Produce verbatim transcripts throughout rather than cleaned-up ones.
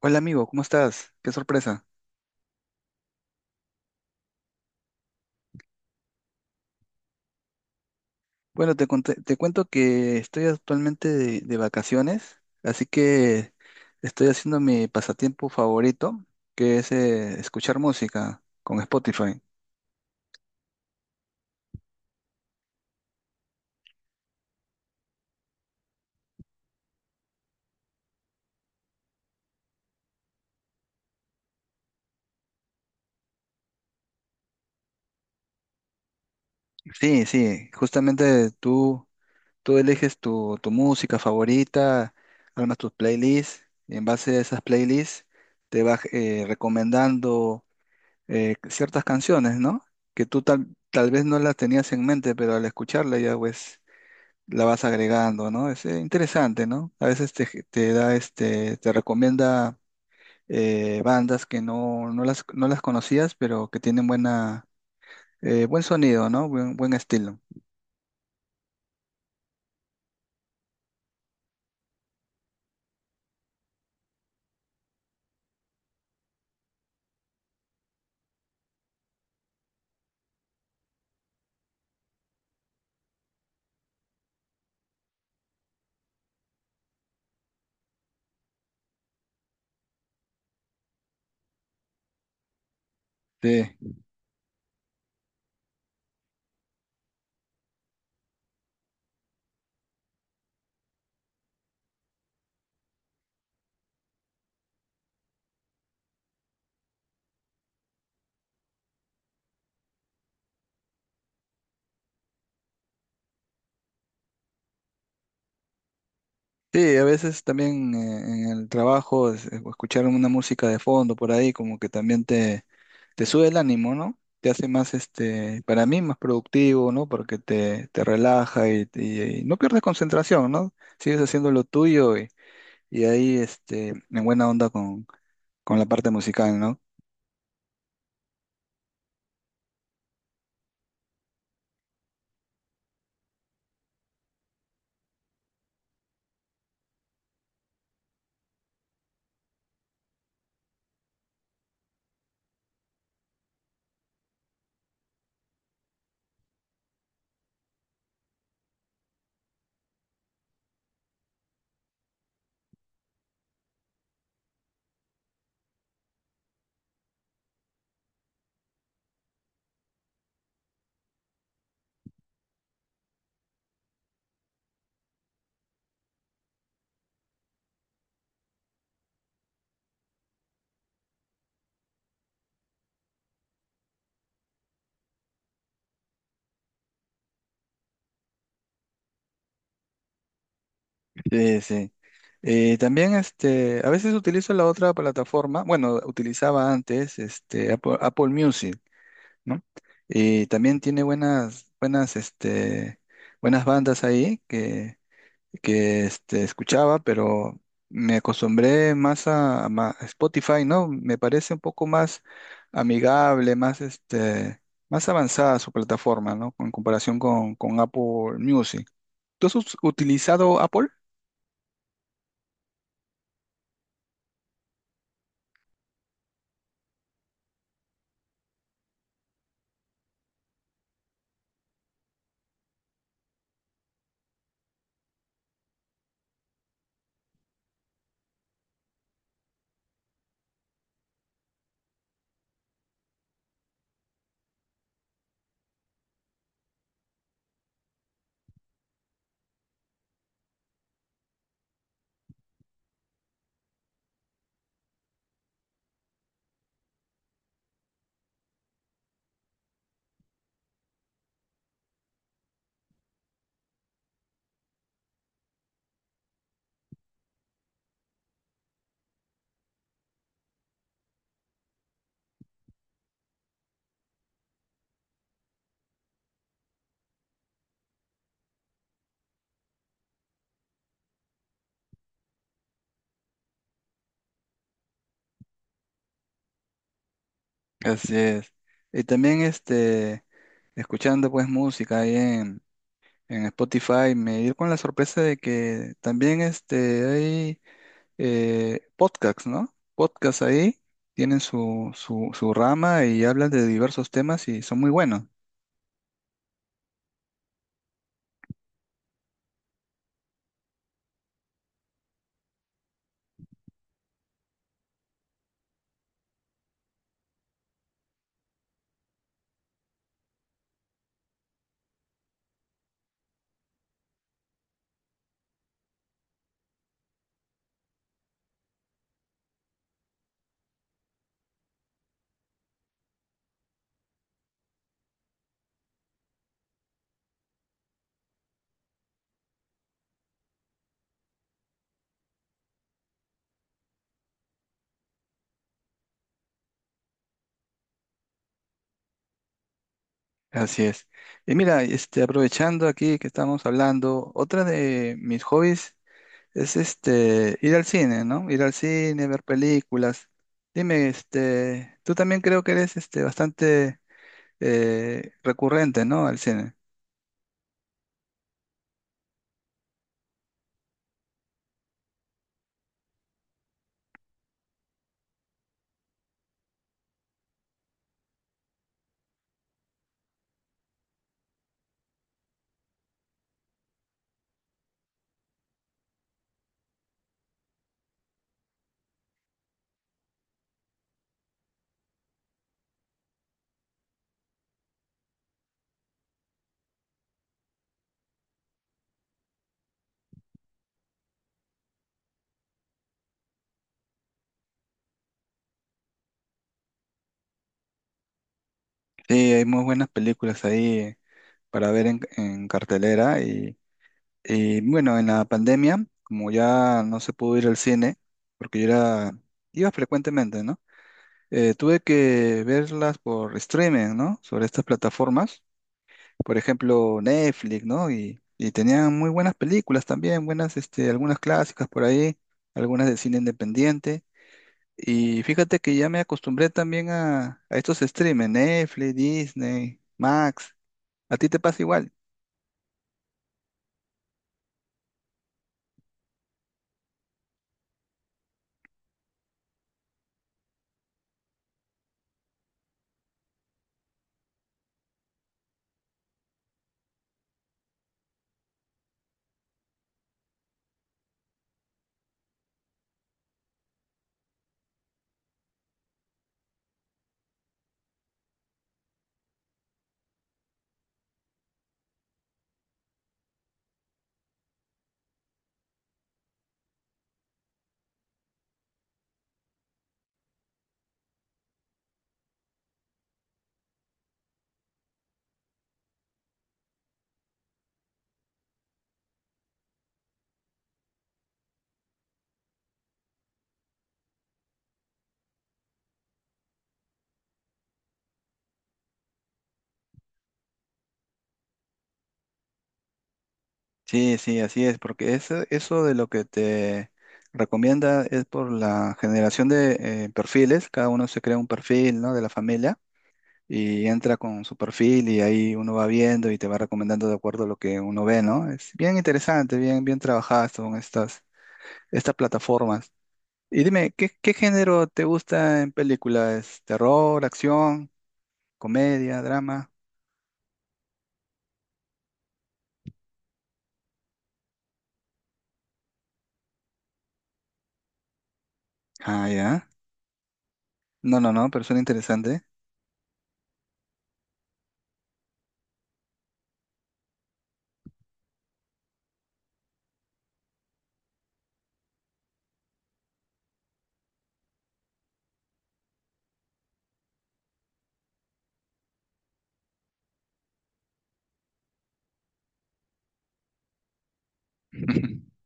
Hola amigo, ¿cómo estás? Qué sorpresa. Bueno, te, conté- te cuento que estoy actualmente de, de vacaciones, así que estoy haciendo mi pasatiempo favorito, que es eh, escuchar música con Spotify. Sí, sí, justamente tú, tú eliges tu, tu música favorita, armas tus playlists, y en base a esas playlists te vas eh, recomendando eh, ciertas canciones, ¿no? Que tú tal, tal vez no las tenías en mente, pero al escucharla ya pues la vas agregando, ¿no? Es eh, interesante, ¿no? A veces te, te da este, te recomienda eh, bandas que no, no las, no las conocías, pero que tienen buena, eh, buen sonido, ¿no? Buen, buen estilo. Sí. Sí, a veces también eh, en el trabajo es- eh, escuchar una música de fondo por ahí como que también te, te sube el ánimo, ¿no? Te hace más, este, para mí, más productivo, ¿no? Porque te, te relaja y, y- y no pierdes concentración, ¿no? Sigues haciendo lo tuyo. Y ahí, este, en buena onda con, con la parte musical, ¿no? Sí, sí. Eh, también, este, a veces utilizo la otra plataforma, bueno, utilizaba antes, este, Apple, Apple Music, ¿no? Y también tiene buenas, buenas, este, buenas bandas ahí que, que este, escuchaba, pero me acostumbré más a, a ma- a Spotify, ¿no? Me parece un poco más amigable, más, este, más avanzada su plataforma, ¿no? En comparación con, con Apple Music. ¿Tú has us- utilizado Apple? Así es. Y también este, escuchando pues música ahí en, en Spotify, me di con la sorpresa de que también este, hay eh, podcasts, ¿no? Podcasts ahí tienen su, su, su rama y hablan de diversos temas y son muy buenos. Así es. Y mira, este, aprovechando aquí que estamos hablando, otra de mis hobbies es este ir al cine, ¿no? Ir al cine, ver películas. Dime, este, tú también creo que eres este bastante eh, recurrente, ¿no? Al cine. Sí, hay muy buenas películas ahí para ver en, en cartelera y eh, bueno, en la pandemia, como ya no se pudo ir al cine, porque yo era, iba frecuentemente, ¿no? Eh, tuve que verlas por streaming, ¿no? Sobre estas plataformas, por ejemplo, Netflix, ¿no? Y, y tenían muy buenas películas también, buenas, este, algunas clásicas por ahí, algunas de cine independiente. Y fíjate que ya me acostumbré también a, a estos streaming, Netflix, Disney, Max. ¿A ti te pasa igual? Sí, sí, así es, porque eso, eso de lo que te recomienda es por la generación de eh, perfiles, cada uno se crea un perfil, ¿no? De la familia y entra con su perfil y ahí uno va viendo y te va recomendando de acuerdo a lo que uno ve, ¿no? Es bien interesante, bien, bien trabajadas son estas, estas plataformas. Y dime, ¿qué, qué género te gusta en películas? ¿Terror, acción, comedia, drama? Ah, ya. No, no, no, pero suena interesante.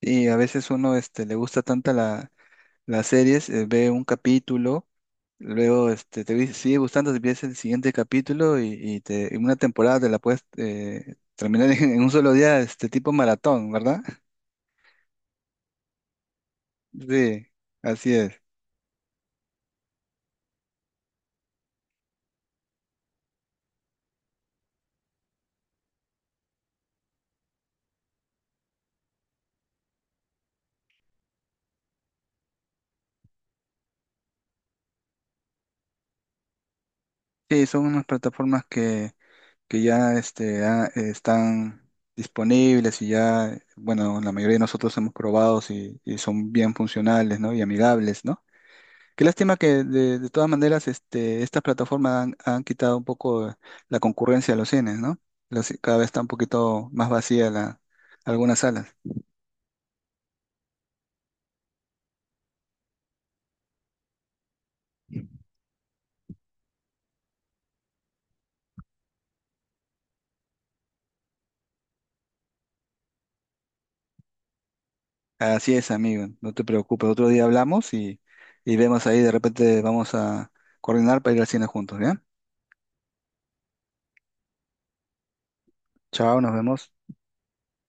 Y a veces uno este, le gusta tanta la, las series, eh, ve un capítulo, luego este, te vi- sigue gustando, te ves el siguiente capítulo y, y te, en una temporada te la puedes eh, terminar en, en un solo día, este tipo maratón, ¿verdad? Sí, así es. Sí, son unas plataformas que, que ya este, ha- eh, están disponibles y ya, bueno, la mayoría de nosotros hemos probado y, y son bien funcionales, ¿no? Y amigables, ¿no? Qué lástima que de, de todas maneras este, estas plataformas han, han quitado un poco la concurrencia a los cines, ¿no? Los- cada vez está un poquito más vacía la, algunas salas. Así es, amigo, no te preocupes. Otro día hablamos y, y vemos ahí, de repente vamos a coordinar para ir al cine juntos, ¿ya? Chao, nos vemos.